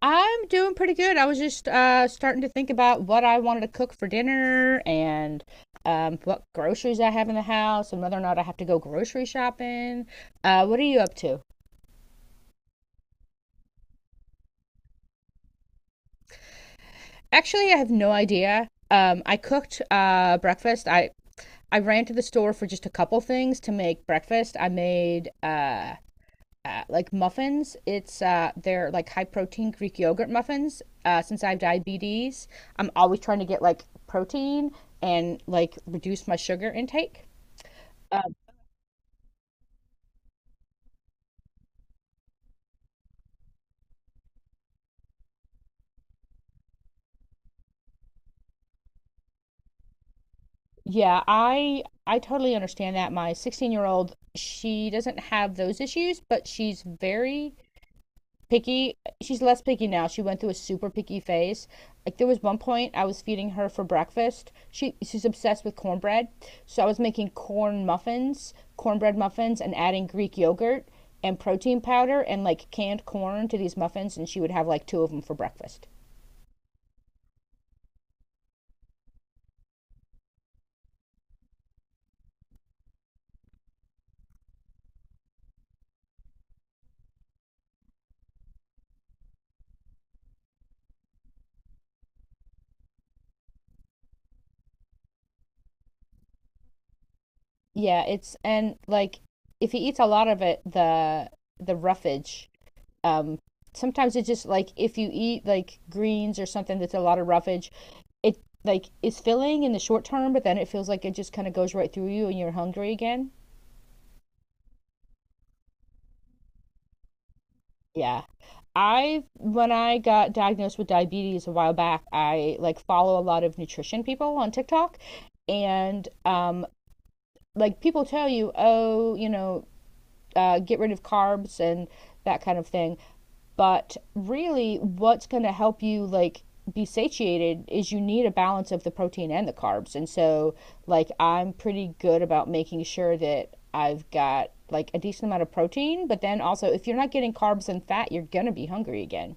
I'm doing pretty good. I was just starting to think about what I wanted to cook for dinner and what groceries I have in the house and whether or not I have to go grocery shopping. What are you up to? Actually, I have no idea. I cooked breakfast. I ran to the store for just a couple things to make breakfast. I made like muffins. It's They're like high protein Greek yogurt muffins. Since I have diabetes, I'm always trying to get like protein and like reduce my sugar intake. Uh, yeah, I totally understand that. My 16-year-old, she doesn't have those issues, but she's very picky. She's less picky now. She went through a super picky phase. Like there was one point I was feeding her for breakfast. She's obsessed with cornbread. So I was making corn muffins, cornbread muffins and adding Greek yogurt and protein powder and like canned corn to these muffins, and she would have like two of them for breakfast. Yeah, it's, and like if he eats a lot of it, the roughage, um, sometimes it's just like if you eat like greens or something that's a lot of roughage, it like is filling in the short term, but then it feels like it just kind of goes right through you and you're hungry again. Yeah. I When I got diagnosed with diabetes a while back, I like follow a lot of nutrition people on TikTok and like people tell you, oh, you know, get rid of carbs and that kind of thing. But really, what's going to help you like be satiated is you need a balance of the protein and the carbs. And so, like, I'm pretty good about making sure that I've got like a decent amount of protein, but then also if you're not getting carbs and fat, you're going to be hungry again.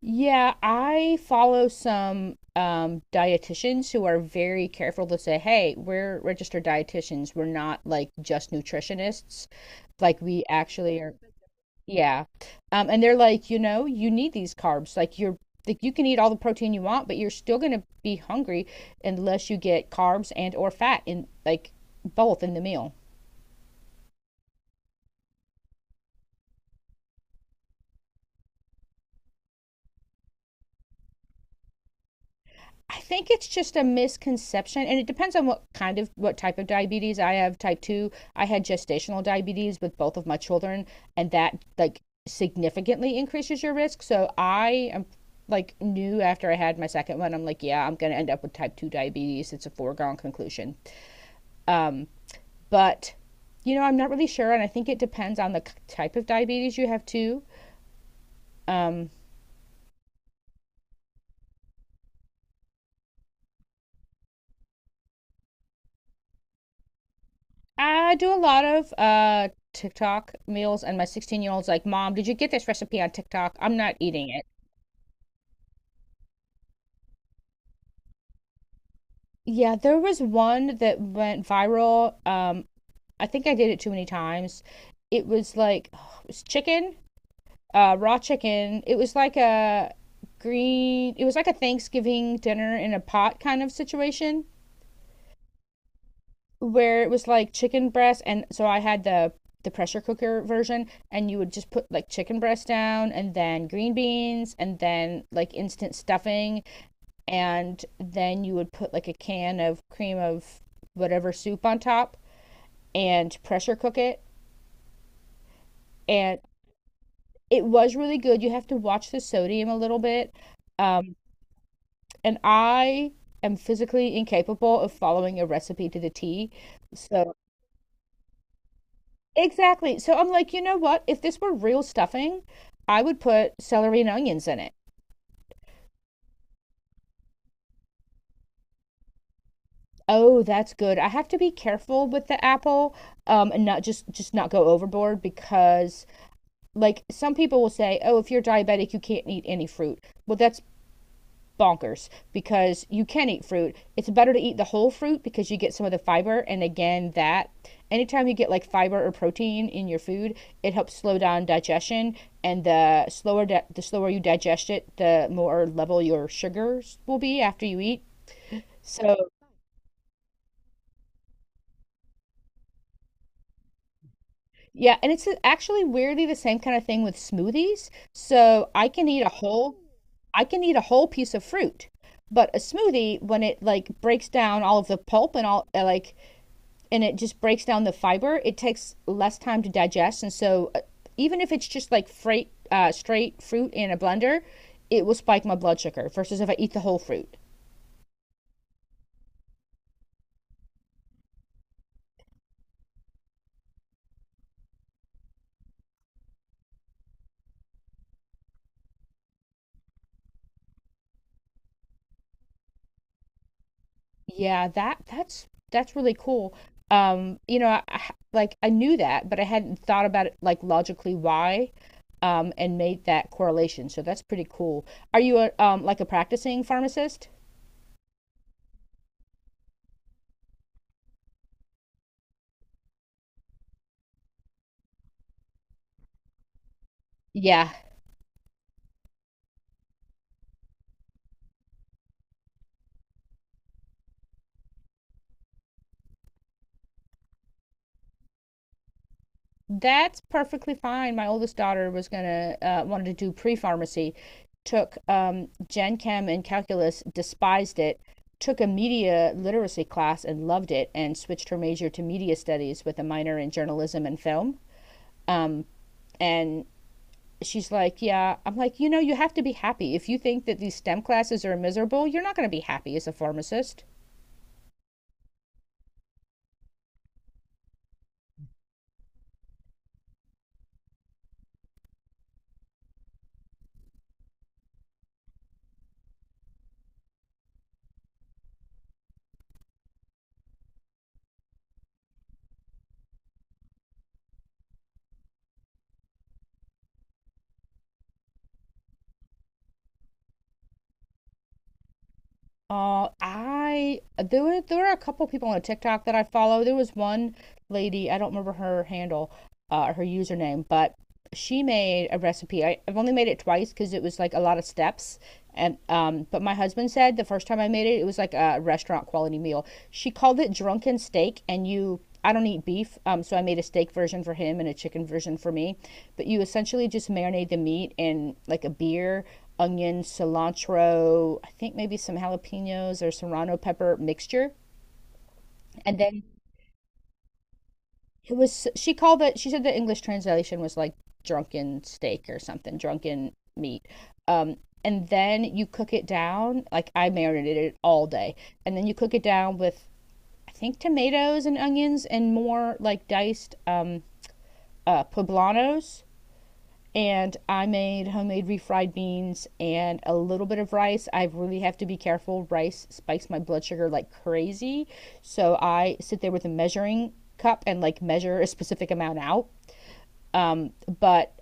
Yeah, I follow some dietitians who are very careful to say, "Hey, we're registered dietitians. We're not like just nutritionists. Like we actually are." Yeah, and they're like, you know, you need these carbs. Like you can eat all the protein you want, but you're still gonna be hungry unless you get carbs and or fat in like both in the meal. I think it's just a misconception, and it depends on what type of diabetes I have. Type two, I had gestational diabetes with both of my children, and that like significantly increases your risk. So I am like knew after I had my second one, I'm like, yeah, I'm gonna end up with type two diabetes. It's a foregone conclusion. Um, but you know, I'm not really sure, and I think it depends on the type of diabetes you have too. Um, I do a lot of TikTok meals, and my 16-year-old's like, "Mom, did you get this recipe on TikTok? I'm not eating it." Yeah, there was one that went viral. I think I did it too many times. It was like, oh, it was chicken, raw chicken. It was like it was like a Thanksgiving dinner in a pot kind of situation, where it was like chicken breast, and so I had the pressure cooker version and you would just put like chicken breast down and then green beans and then like instant stuffing, and then you would put like a can of cream of whatever soup on top and pressure cook it, and it was really good. You have to watch the sodium a little bit. Um, and I am physically incapable of following a recipe to the T. So exactly. So I'm like, you know what? If this were real stuffing, I would put celery and onions in it. Oh, that's good. I have to be careful with the apple, and not just not go overboard because like some people will say, "Oh, if you're diabetic, you can't eat any fruit." Well, that's bonkers because you can eat fruit. It's better to eat the whole fruit because you get some of the fiber. And again, that anytime you get like fiber or protein in your food, it helps slow down digestion. And the the slower you digest it, the more level your sugars will be after you eat. So yeah, and it's actually weirdly the same kind of thing with smoothies. So I can eat a whole piece of fruit. But a smoothie, when it like breaks down all of the pulp and all and it just breaks down the fiber, it takes less time to digest. And so, even if it's just like straight fruit in a blender, it will spike my blood sugar versus if I eat the whole fruit. Yeah, that's really cool. You know, like I knew that, but I hadn't thought about it like logically why, and made that correlation. So that's pretty cool. Are you like a practicing pharmacist? Yeah, that's perfectly fine. My oldest daughter was gonna wanted to do pre pharmacy, took Gen Chem and calculus, despised it, took a media literacy class and loved it, and switched her major to media studies with a minor in journalism and film. Um, and she's like, "Yeah," I'm like, you know, you have to be happy. If you think that these STEM classes are miserable, you're not going to be happy as a pharmacist. I there were a couple people on TikTok that I follow. There was one lady, I don't remember her handle, her username, but she made a recipe. I've only made it twice because it was like a lot of steps. And but my husband said the first time I made it, it was like a restaurant quality meal. She called it drunken steak, and you. I don't eat beef, so I made a steak version for him and a chicken version for me. But you essentially just marinate the meat in like a beer, onion, cilantro, I think maybe some jalapenos or serrano pepper mixture, and then it was she called it she said the English translation was like drunken steak or something, drunken meat. um and then you cook it down, like I marinated it all day, and then you cook it down with, I think, tomatoes and onions and more like diced poblanos. And I made homemade refried beans and a little bit of rice. I really have to be careful. Rice spikes my blood sugar like crazy, so I sit there with a measuring cup and like measure a specific amount out. um, but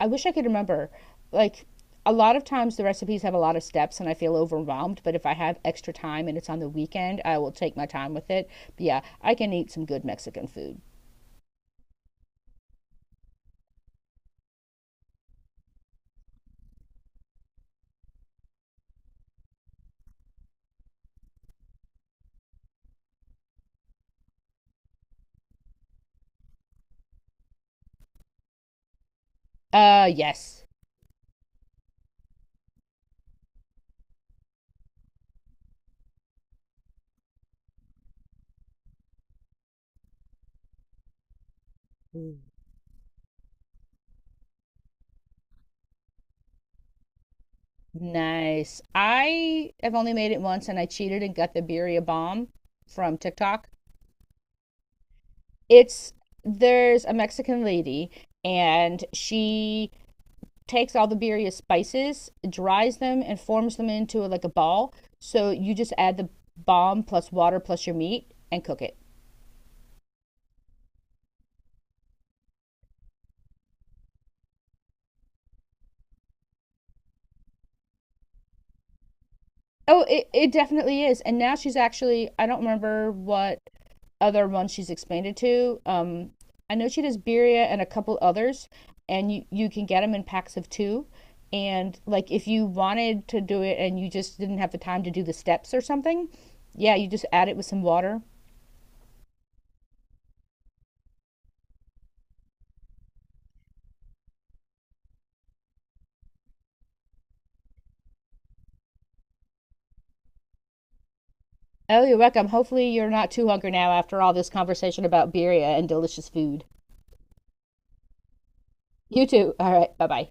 I wish I could remember. Like a lot of times the recipes have a lot of steps and I feel overwhelmed, but if I have extra time and it's on the weekend, I will take my time with it. But yeah, I can eat some good Mexican food. Yes. Nice. I have only made it once and I cheated and got the birria bomb from TikTok. It's There's a Mexican lady, and she takes all the birria spices, dries them, and forms them into like a ball. So you just add the balm plus water plus your meat and cook it. Oh, it definitely is. And now she's actually, I don't remember what other ones she's expanded to. I know she does birria and a couple others, and you can get them in packs of two. And like if you wanted to do it and you just didn't have the time to do the steps or something, yeah, you just add it with some water. Oh, you're welcome. Hopefully you're not too hungry now after all this conversation about birria and delicious food. You too. All right. Bye bye.